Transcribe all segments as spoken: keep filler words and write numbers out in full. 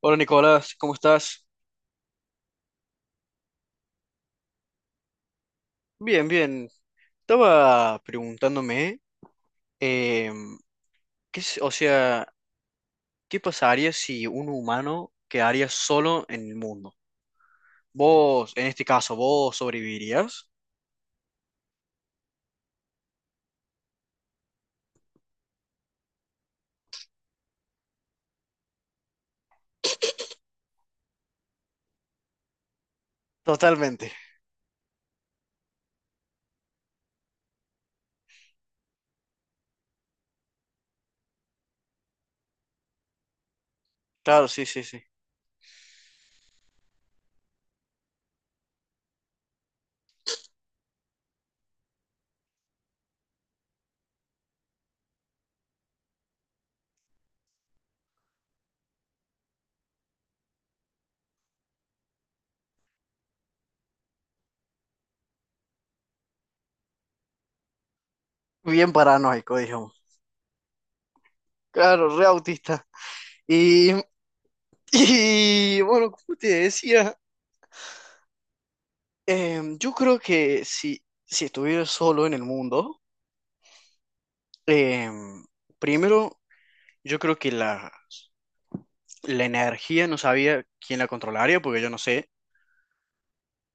Hola Nicolás, ¿cómo estás? Bien, bien. Estaba preguntándome, em, ¿qué, es- o sea, ¿qué pasaría si un humano quedaría solo en el mundo? Vos, en este caso, ¿vos sobrevivirías? Totalmente. Claro, sí, sí, sí. Bien paranoico, digamos. Claro, re autista. Y, y bueno, como te decía, em, yo creo que si, si estuviera solo en el mundo, em, primero, yo creo que la la energía no sabía quién la controlaría, porque yo no sé.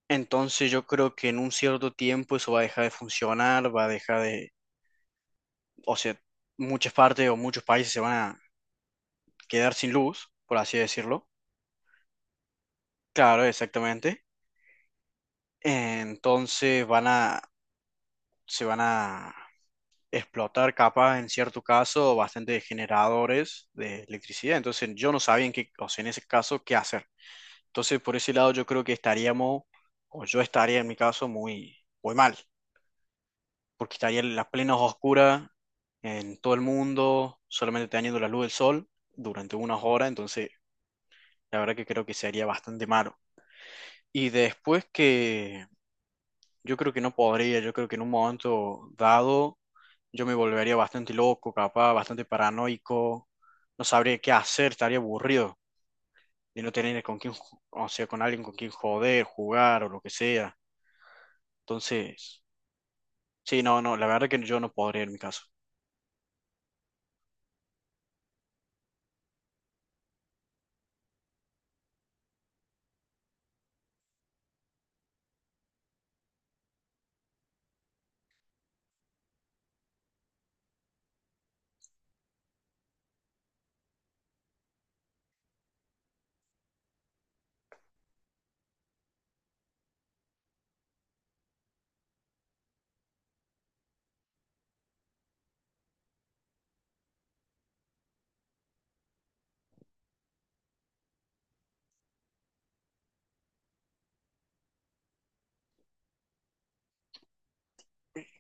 Entonces yo creo que en un cierto tiempo eso va a dejar de funcionar, va a dejar de, o sea, muchas partes o muchos países se van a quedar sin luz, por así decirlo. Claro, exactamente. Entonces van a, se van a explotar capaz en cierto caso bastante generadores de electricidad. Entonces yo no sabía en qué, o sea, en ese caso qué hacer. Entonces por ese lado yo creo que estaríamos, o yo estaría en mi caso muy, muy mal. Porque estarían las plenas oscuras en todo el mundo, solamente teniendo la luz del sol durante unas horas, entonces la verdad que creo que sería bastante malo. Y después que yo creo que no podría, yo creo que en un momento dado yo me volvería bastante loco, capaz, bastante paranoico, no sabría qué hacer, estaría aburrido de no tener con quién, ju- o sea, con alguien con quien joder, jugar o lo que sea. Entonces, sí, no, no, la verdad que yo no podría en mi caso.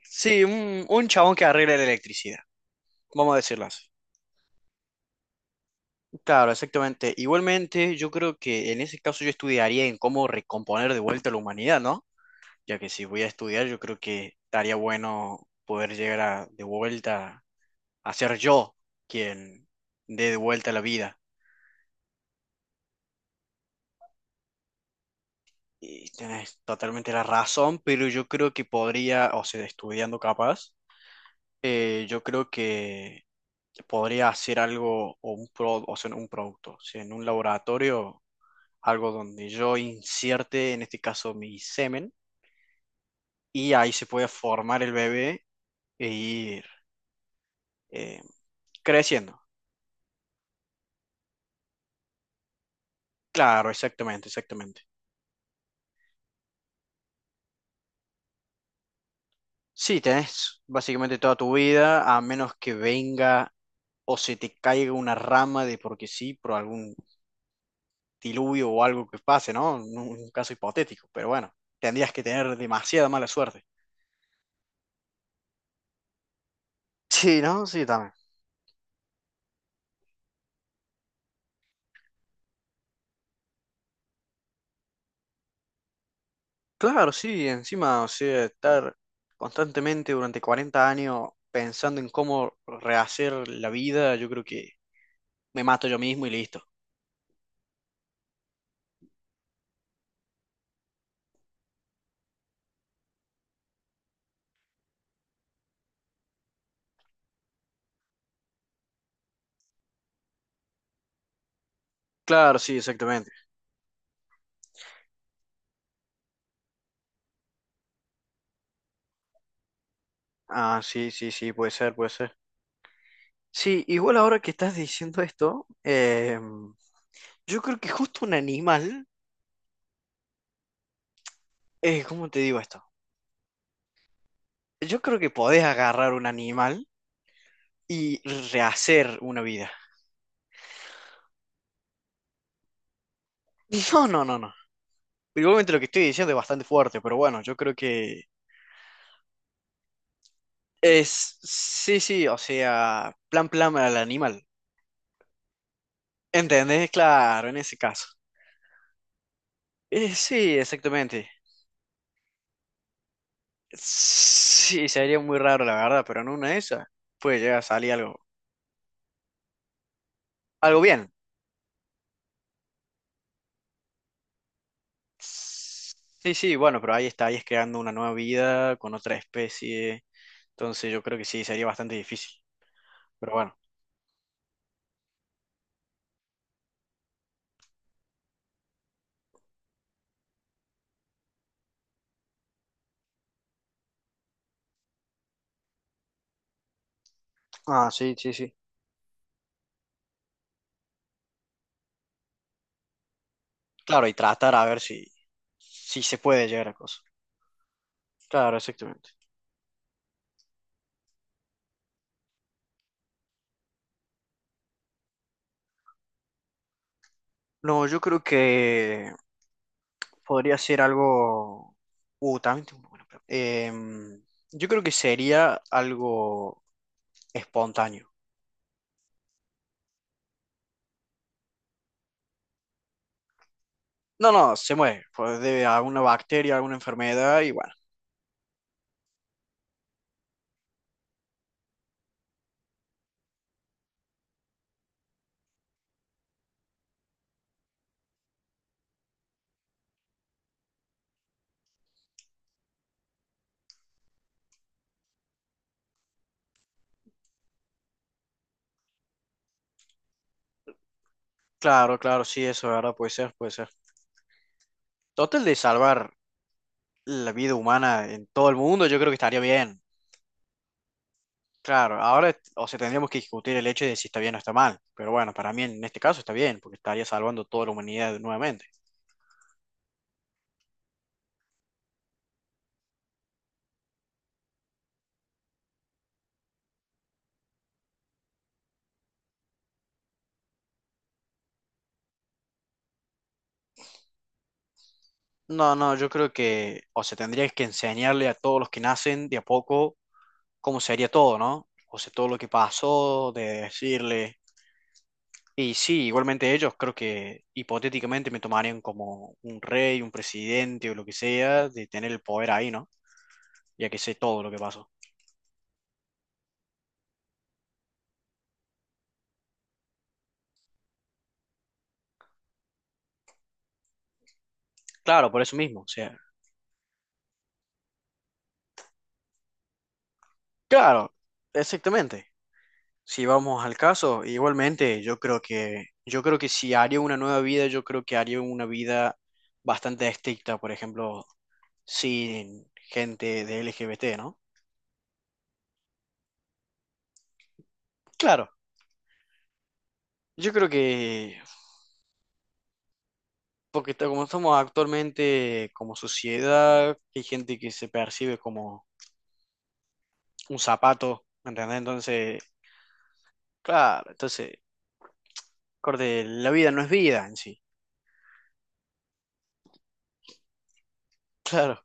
Sí, un, un chabón que arregle la electricidad, vamos a decirlo así. Claro, exactamente. Igualmente, yo creo que en ese caso yo estudiaría en cómo recomponer de vuelta la humanidad, ¿no? Ya que si voy a estudiar, yo creo que estaría bueno poder llegar a- de vuelta a ser yo quien dé de vuelta la vida. Y tenés totalmente la razón, pero yo creo que podría, o sea, estudiando capaz, eh, yo creo que podría hacer algo o un pro, o sea, un producto, o sea, en un laboratorio algo donde yo incierte, en este caso, mi semen, y ahí se puede formar el bebé e ir eh, creciendo. Claro, exactamente, exactamente. Sí, tenés básicamente toda tu vida, a menos que venga o se te caiga una rama de porque sí, por algún diluvio o algo que pase, ¿no? Un, un caso hipotético, pero bueno, tendrías que tener demasiada mala suerte. Sí, ¿no? Sí, también. Claro, sí, encima, o sea, estar constantemente durante cuarenta años pensando en cómo rehacer la vida, yo creo que me mato yo mismo y listo. Claro, sí, exactamente. Ah, sí, sí, sí, puede ser, puede ser. Sí, igual ahora que estás diciendo esto, eh, yo creo que justo un animal, eh, ¿cómo te digo esto? Yo creo que podés agarrar un animal y rehacer una vida. No, no, no, no. Igualmente lo que estoy diciendo es bastante fuerte, pero bueno, yo creo que es, sí, sí, o sea, plan, plan al animal. ¿Entendés? Claro, en ese caso. Eh, sí, exactamente. Sí, sería muy raro, la verdad, pero en una de esas puede llegar a salir algo, algo bien. Sí, sí, bueno, pero ahí está, ahí es creando una nueva vida con otra especie. Entonces yo creo que sí, sería bastante difícil. Pero bueno. Ah, sí, sí, sí. Claro, y tratar a ver si, si se puede llegar a cosas. Claro, exactamente. No, yo creo que podría ser algo. Uh, también tengo una pregunta. Em, yo creo que sería algo espontáneo. No, no, se muere. Pues debe a alguna bacteria, alguna enfermedad y bueno. Claro, claro, sí, eso es verdad, puede ser, puede ser. Total de salvar la vida humana en todo el mundo, yo creo que estaría bien. Claro, ahora, o sea, tendríamos que discutir el hecho de si está bien o está mal. Pero bueno, para mí en este caso está bien, porque estaría salvando toda la humanidad nuevamente. No, no, yo creo que, o sea, tendrías que enseñarle a todos los que nacen de a poco cómo sería todo, ¿no? O sea, todo lo que pasó, de decirle. Y sí, igualmente ellos creo que hipotéticamente me tomarían como un rey, un presidente o lo que sea, de tener el poder ahí, ¿no? Ya que sé todo lo que pasó. Claro, por eso mismo, o sea. Claro, exactamente. Si vamos al caso, igualmente yo creo que, yo creo que si haría una nueva vida, yo creo que haría una vida bastante estricta, por ejemplo, sin gente de L G B T, ¿no? Claro, yo creo que Porque ta- como estamos actualmente como sociedad, hay gente que se percibe como un zapato, ¿me ¿entendés? Entonces, claro, entonces, corte, la vida no es vida en sí. Claro,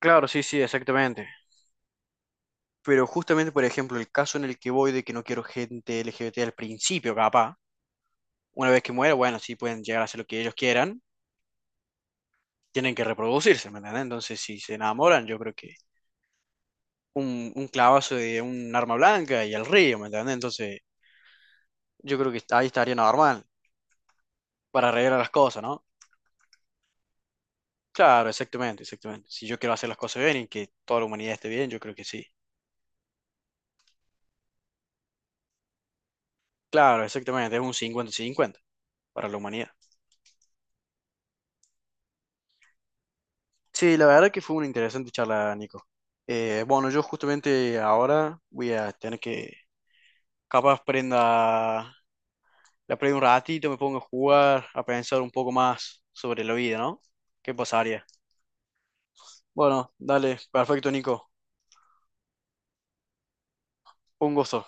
claro, sí, sí, exactamente. Pero justamente, por ejemplo, el caso en el que voy de que no quiero gente L G B T al principio, capaz, una vez que muera, bueno, sí pueden llegar a hacer lo que ellos quieran, tienen que reproducirse, ¿me entendés? Entonces, si se enamoran, yo creo que un, un clavazo de un arma blanca y al río, ¿me entendés? Entonces, yo creo que ahí estaría normal. Para arreglar las cosas, ¿no? Claro, exactamente, exactamente. Si yo quiero hacer las cosas bien y que toda la humanidad esté bien, yo creo que sí. Claro, exactamente, es un cincuenta-cincuenta para la humanidad. Sí, la verdad que fue una interesante charla, Nico. Eh, bueno, yo justamente ahora voy a tener que, capaz prenda, la prendo un ratito, me pongo a jugar, a pensar un poco más sobre la vida, ¿no? ¿Qué pasaría? Bueno, dale, perfecto, Nico. Un gusto.